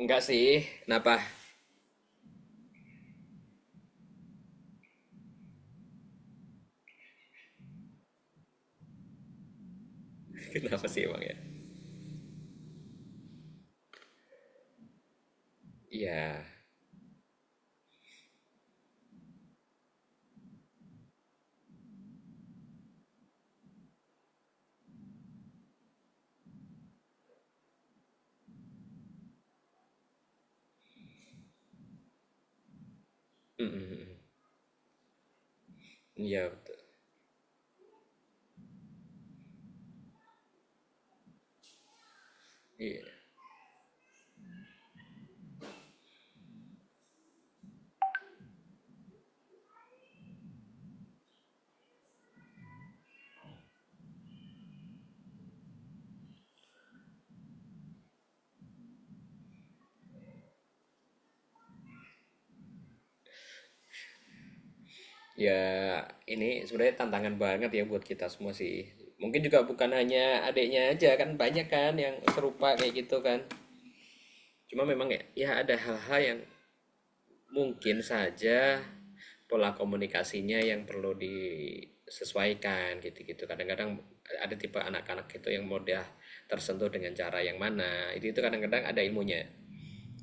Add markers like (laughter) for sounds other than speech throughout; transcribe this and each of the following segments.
Enggak sih. Kenapa? (laughs) Kenapa sih emang ya? Iya. Mm-mm. Iya, betul. Iya. Ya, ini sebenarnya tantangan banget ya buat kita semua sih. Mungkin juga bukan hanya adiknya aja kan banyak kan yang serupa kayak gitu kan. Cuma memang ya ada hal-hal yang mungkin saja pola komunikasinya yang perlu disesuaikan gitu-gitu. Kadang-kadang ada tipe anak-anak itu yang mudah tersentuh dengan cara yang mana. Itu kadang-kadang ada ilmunya.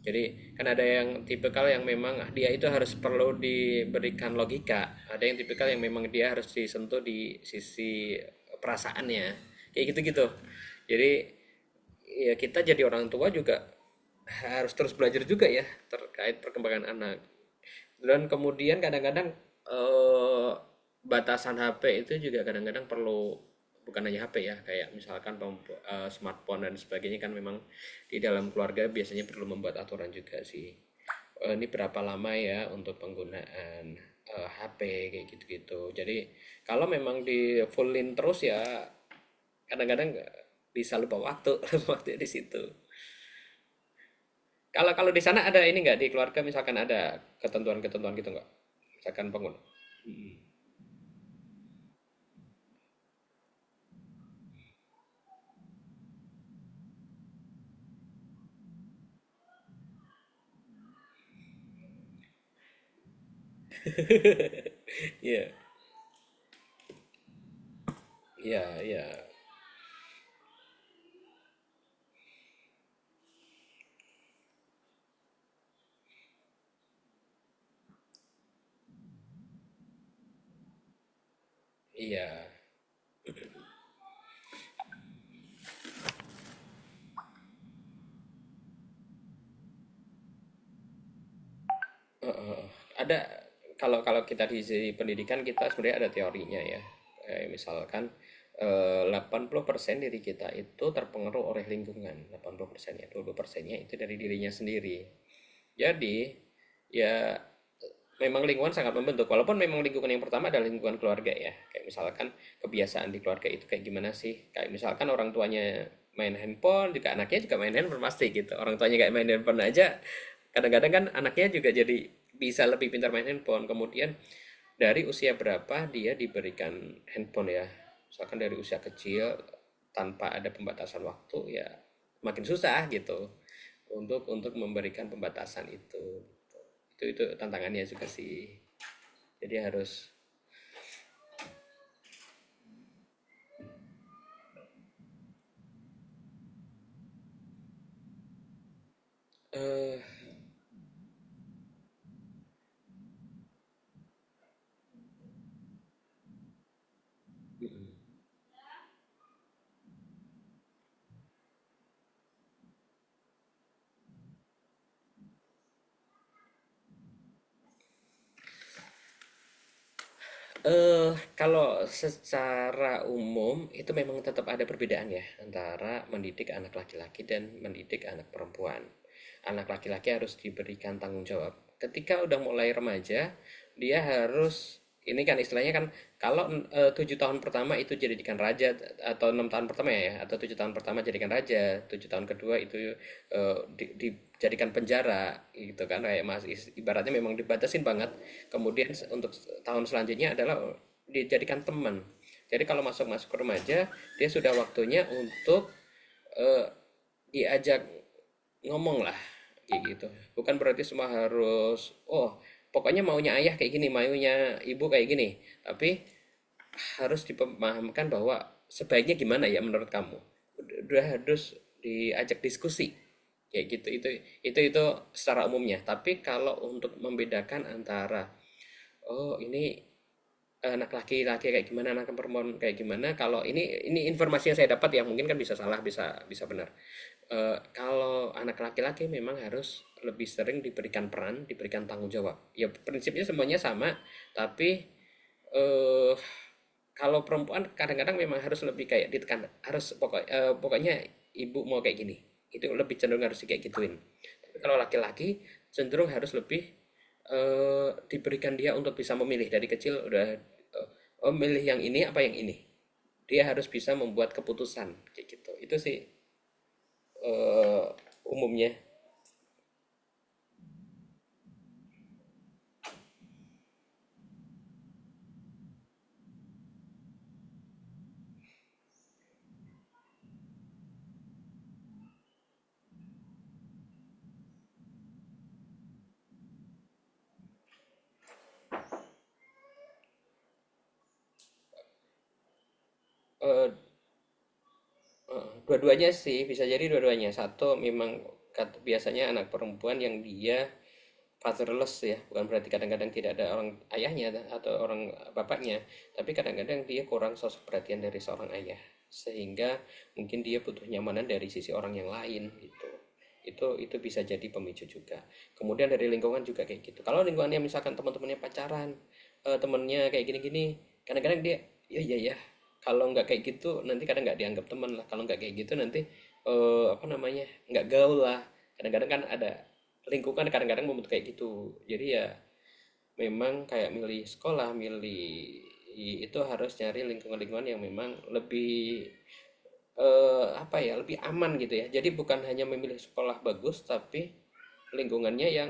Jadi kan ada yang tipikal yang memang dia itu harus perlu diberikan logika. Ada yang tipikal yang memang dia harus disentuh di sisi perasaannya. Kayak gitu-gitu. Jadi ya kita jadi orang tua juga harus terus belajar juga ya terkait perkembangan anak. Dan kemudian kadang-kadang eh, batasan HP itu juga kadang-kadang perlu, bukan hanya HP ya, kayak misalkan smartphone dan sebagainya kan memang di dalam keluarga biasanya perlu membuat aturan juga sih. Ini berapa lama ya untuk penggunaan, HP kayak gitu-gitu. Jadi kalau memang di fullin terus ya kadang-kadang bisa lupa waktu, (laughs) lupa waktu di situ. Kalau kalau di sana ada ini nggak, di keluarga misalkan ada ketentuan-ketentuan gitu nggak? Misalkan pengguna. (laughs) Iya, iya iya, iya. Heeh. Ada, kalau kalau kita di sisi pendidikan kita sebenarnya ada teorinya ya. Kayak misalkan 80% diri kita itu terpengaruh oleh lingkungan. 80%-nya, 20%-nya itu dari dirinya sendiri. Jadi ya memang lingkungan sangat membentuk, walaupun memang lingkungan yang pertama adalah lingkungan keluarga ya, kayak misalkan kebiasaan di keluarga itu kayak gimana sih, kayak misalkan orang tuanya main handphone juga, anaknya juga main handphone. Pasti gitu, orang tuanya kayak main handphone aja, kadang-kadang kan anaknya juga jadi bisa lebih pintar main handphone. Kemudian dari usia berapa dia diberikan handphone ya, misalkan dari usia kecil tanpa ada pembatasan waktu ya, makin susah gitu untuk memberikan pembatasan itu gitu. Itu tantangannya juga sih, jadi harus eh eh, kalau secara umum itu memang tetap ada perbedaan ya antara mendidik anak laki-laki dan mendidik anak perempuan. Anak laki-laki harus diberikan tanggung jawab. Ketika udah mulai remaja, dia harus ini kan, istilahnya kan, kalau 7 tahun pertama itu jadikan raja, atau 6 tahun pertama ya, atau 7 tahun pertama jadikan raja, 7 tahun kedua itu dijadikan penjara gitu kan, kayak mas, ibaratnya memang dibatasin banget. Kemudian untuk tahun selanjutnya adalah dijadikan teman. Jadi kalau masuk masuk remaja, dia sudah waktunya untuk eh, diajak ngomong lah kayak gitu. Bukan berarti semua harus oh, pokoknya maunya ayah kayak gini, maunya ibu kayak gini, tapi harus dipahamkan bahwa sebaiknya gimana ya menurut kamu, udah harus diajak diskusi kayak gitu. Itu secara umumnya. Tapi kalau untuk membedakan antara, oh, ini anak laki-laki kayak gimana, anak perempuan kayak gimana. Kalau ini informasi yang saya dapat ya, mungkin kan bisa salah, bisa bisa benar. Kalau anak laki-laki memang harus lebih sering diberikan peran, diberikan tanggung jawab. Ya prinsipnya semuanya sama, tapi eh kalau perempuan kadang-kadang memang harus lebih kayak ditekan, harus pokoknya ibu mau kayak gini. Itu lebih cenderung harus kayak gituin. Tapi kalau laki-laki cenderung harus lebih diberikan dia untuk bisa memilih. Dari kecil udah eh, oh, milih yang ini apa yang ini, dia harus bisa membuat keputusan kayak gitu itu sih eh, umumnya. Eh, Dua-duanya sih, bisa jadi dua-duanya. Satu memang biasanya anak perempuan yang dia fatherless ya, bukan berarti kadang-kadang tidak ada orang ayahnya atau orang bapaknya, tapi kadang-kadang dia kurang sosok perhatian dari seorang ayah, sehingga mungkin dia butuh nyamanan dari sisi orang yang lain gitu. Itu bisa jadi pemicu juga. Kemudian dari lingkungan juga kayak gitu. Kalau lingkungannya misalkan teman-temannya pacaran, temennya kayak gini-gini, kadang-kadang dia ya ya ya. Kalau nggak kayak gitu nanti kadang nggak dianggap teman lah. Kalau nggak kayak gitu nanti apa namanya, nggak gaul lah. Kadang-kadang kan ada lingkungan kadang-kadang membentuk kayak gitu. Jadi ya memang kayak milih sekolah, milih itu harus nyari lingkungan-lingkungan yang memang lebih apa ya, lebih aman gitu ya. Jadi bukan hanya memilih sekolah bagus, tapi lingkungannya yang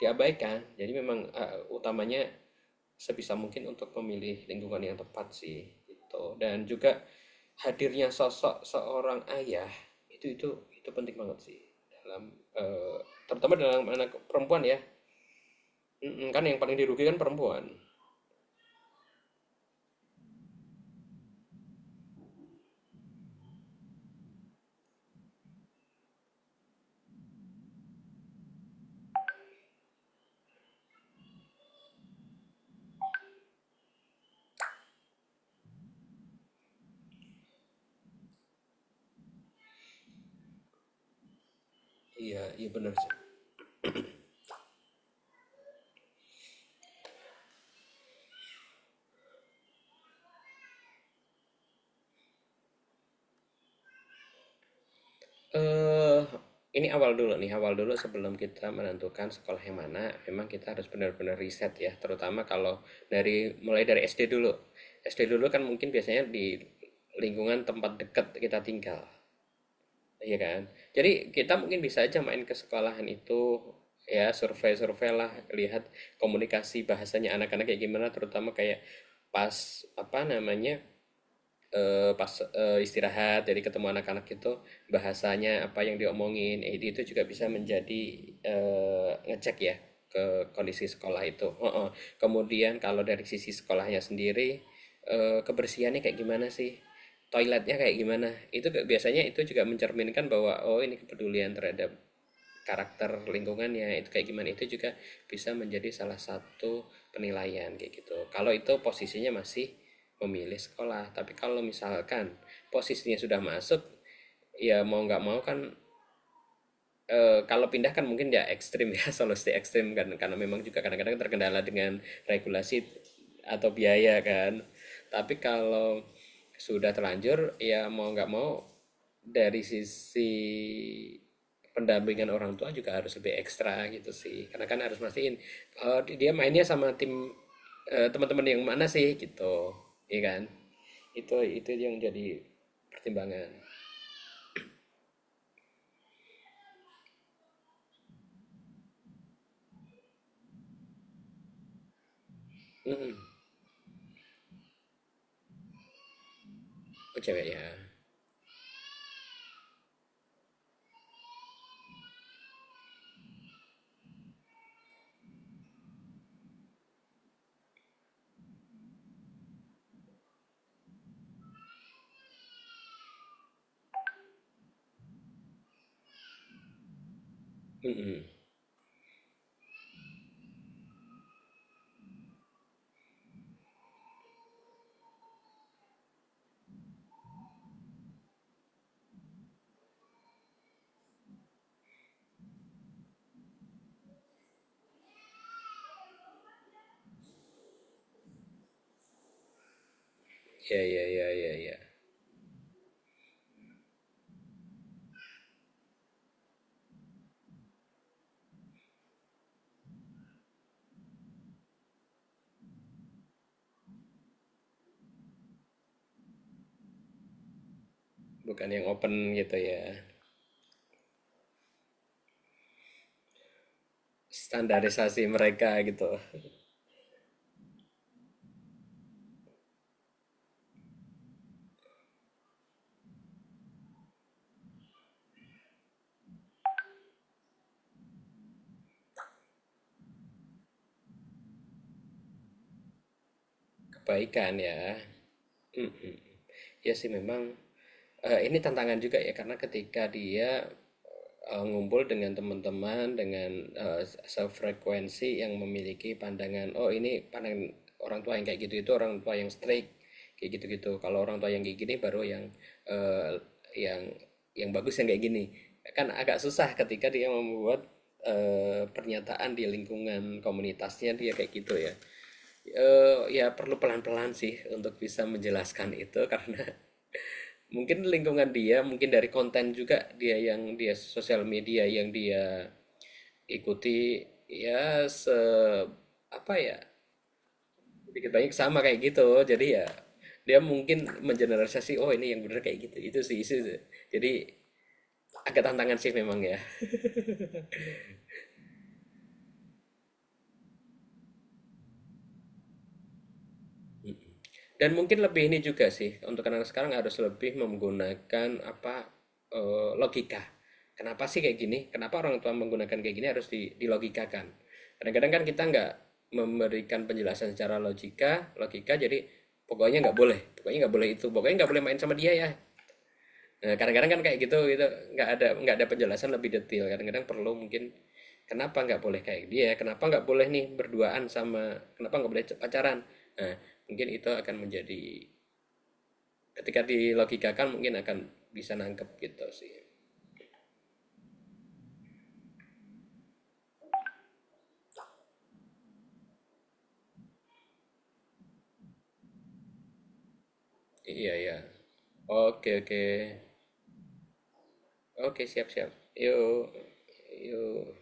diabaikan. Jadi memang utamanya sebisa mungkin untuk memilih lingkungan yang tepat sih gitu. Dan juga hadirnya sosok seorang ayah itu itu itu penting banget sih dalam eh, terutama dalam anak perempuan ya. Mhm, kan yang paling dirugikan perempuan. Iya, iya benar sih. Eh, ini awal dulu nih, awal dulu sebelum kita menentukan sekolah yang mana, memang kita harus benar-benar riset ya, terutama kalau dari, mulai dari SD dulu. SD dulu kan mungkin biasanya di lingkungan tempat dekat kita tinggal, iya kan? Jadi kita mungkin bisa aja main ke sekolahan itu, ya survei-survei lah, lihat komunikasi bahasanya anak-anak kayak gimana, terutama kayak pas apa namanya, pas, istirahat, jadi ketemu anak-anak itu bahasanya apa yang diomongin, itu juga bisa menjadi, ngecek ya ke kondisi sekolah itu, heeh. Kemudian kalau dari sisi sekolahnya sendiri, kebersihannya kayak gimana sih, toiletnya kayak gimana, itu biasanya itu juga mencerminkan bahwa, oh, ini kepedulian terhadap karakter lingkungannya itu kayak gimana, itu juga bisa menjadi salah satu penilaian kayak gitu. Kalau itu posisinya masih memilih sekolah, tapi kalau misalkan posisinya sudah masuk, ya mau nggak mau kan. Kalau pindah kan mungkin ya ekstrim ya, (laughs) solo stay ekstrim kan, karena memang juga kadang-kadang terkendala dengan regulasi atau biaya kan. Tapi kalau sudah terlanjur ya mau nggak mau dari sisi pendampingan orang tua juga harus lebih ekstra gitu sih, karena kan harus mastiin dia mainnya sama tim teman-teman yang mana sih gitu, iya kan. Itu yang jadi pertimbangan. Mm-mm. Oh, cewek ya. Mm-mm. Iya, iya, iya, iya, iya. Bukan yang open gitu ya. Standarisasi mereka gitu. Kebaikan ya. Mhm. Ya sih memang ini tantangan juga ya, karena ketika dia ngumpul dengan teman-teman dengan sefrekuensi yang memiliki pandangan oh, ini pandangan orang tua yang kayak gitu, itu orang tua yang strict kayak gitu-gitu. Kalau orang tua yang kayak gini baru yang eh, yang yang bagus, yang kayak gini. Kan agak susah ketika dia membuat pernyataan di lingkungan komunitasnya dia kayak gitu ya. Ya perlu pelan-pelan sih untuk bisa menjelaskan itu, karena (laughs) mungkin lingkungan dia, mungkin dari konten juga dia, yang dia sosial media yang dia ikuti ya, apa ya, sedikit banyak sama kayak gitu. Jadi ya dia mungkin mengeneralisasi, "Oh, ini yang bener kayak gitu." Itu sih, itu sih. Jadi agak tantangan sih memang ya. Dan mungkin lebih ini juga sih, untuk anak-anak sekarang harus lebih menggunakan apa, logika. Kenapa sih kayak gini? Kenapa orang tua menggunakan kayak gini, harus dilogikakan. Kadang-kadang kan kita nggak memberikan penjelasan secara logika, logika jadi pokoknya nggak boleh itu, pokoknya nggak boleh main sama dia ya. Nah, kadang-kadang kan kayak gitu gitu, nggak ada penjelasan lebih detail. Kadang-kadang perlu mungkin, kenapa nggak boleh kayak dia, kenapa nggak boleh nih berduaan sama, kenapa nggak boleh pacaran. Nah, mungkin itu akan menjadi, ketika dilogikakan mungkin akan bisa nangkep gitu sih. Iya ya. Oke oke. Oke, siap siap. Yuk. Yuk.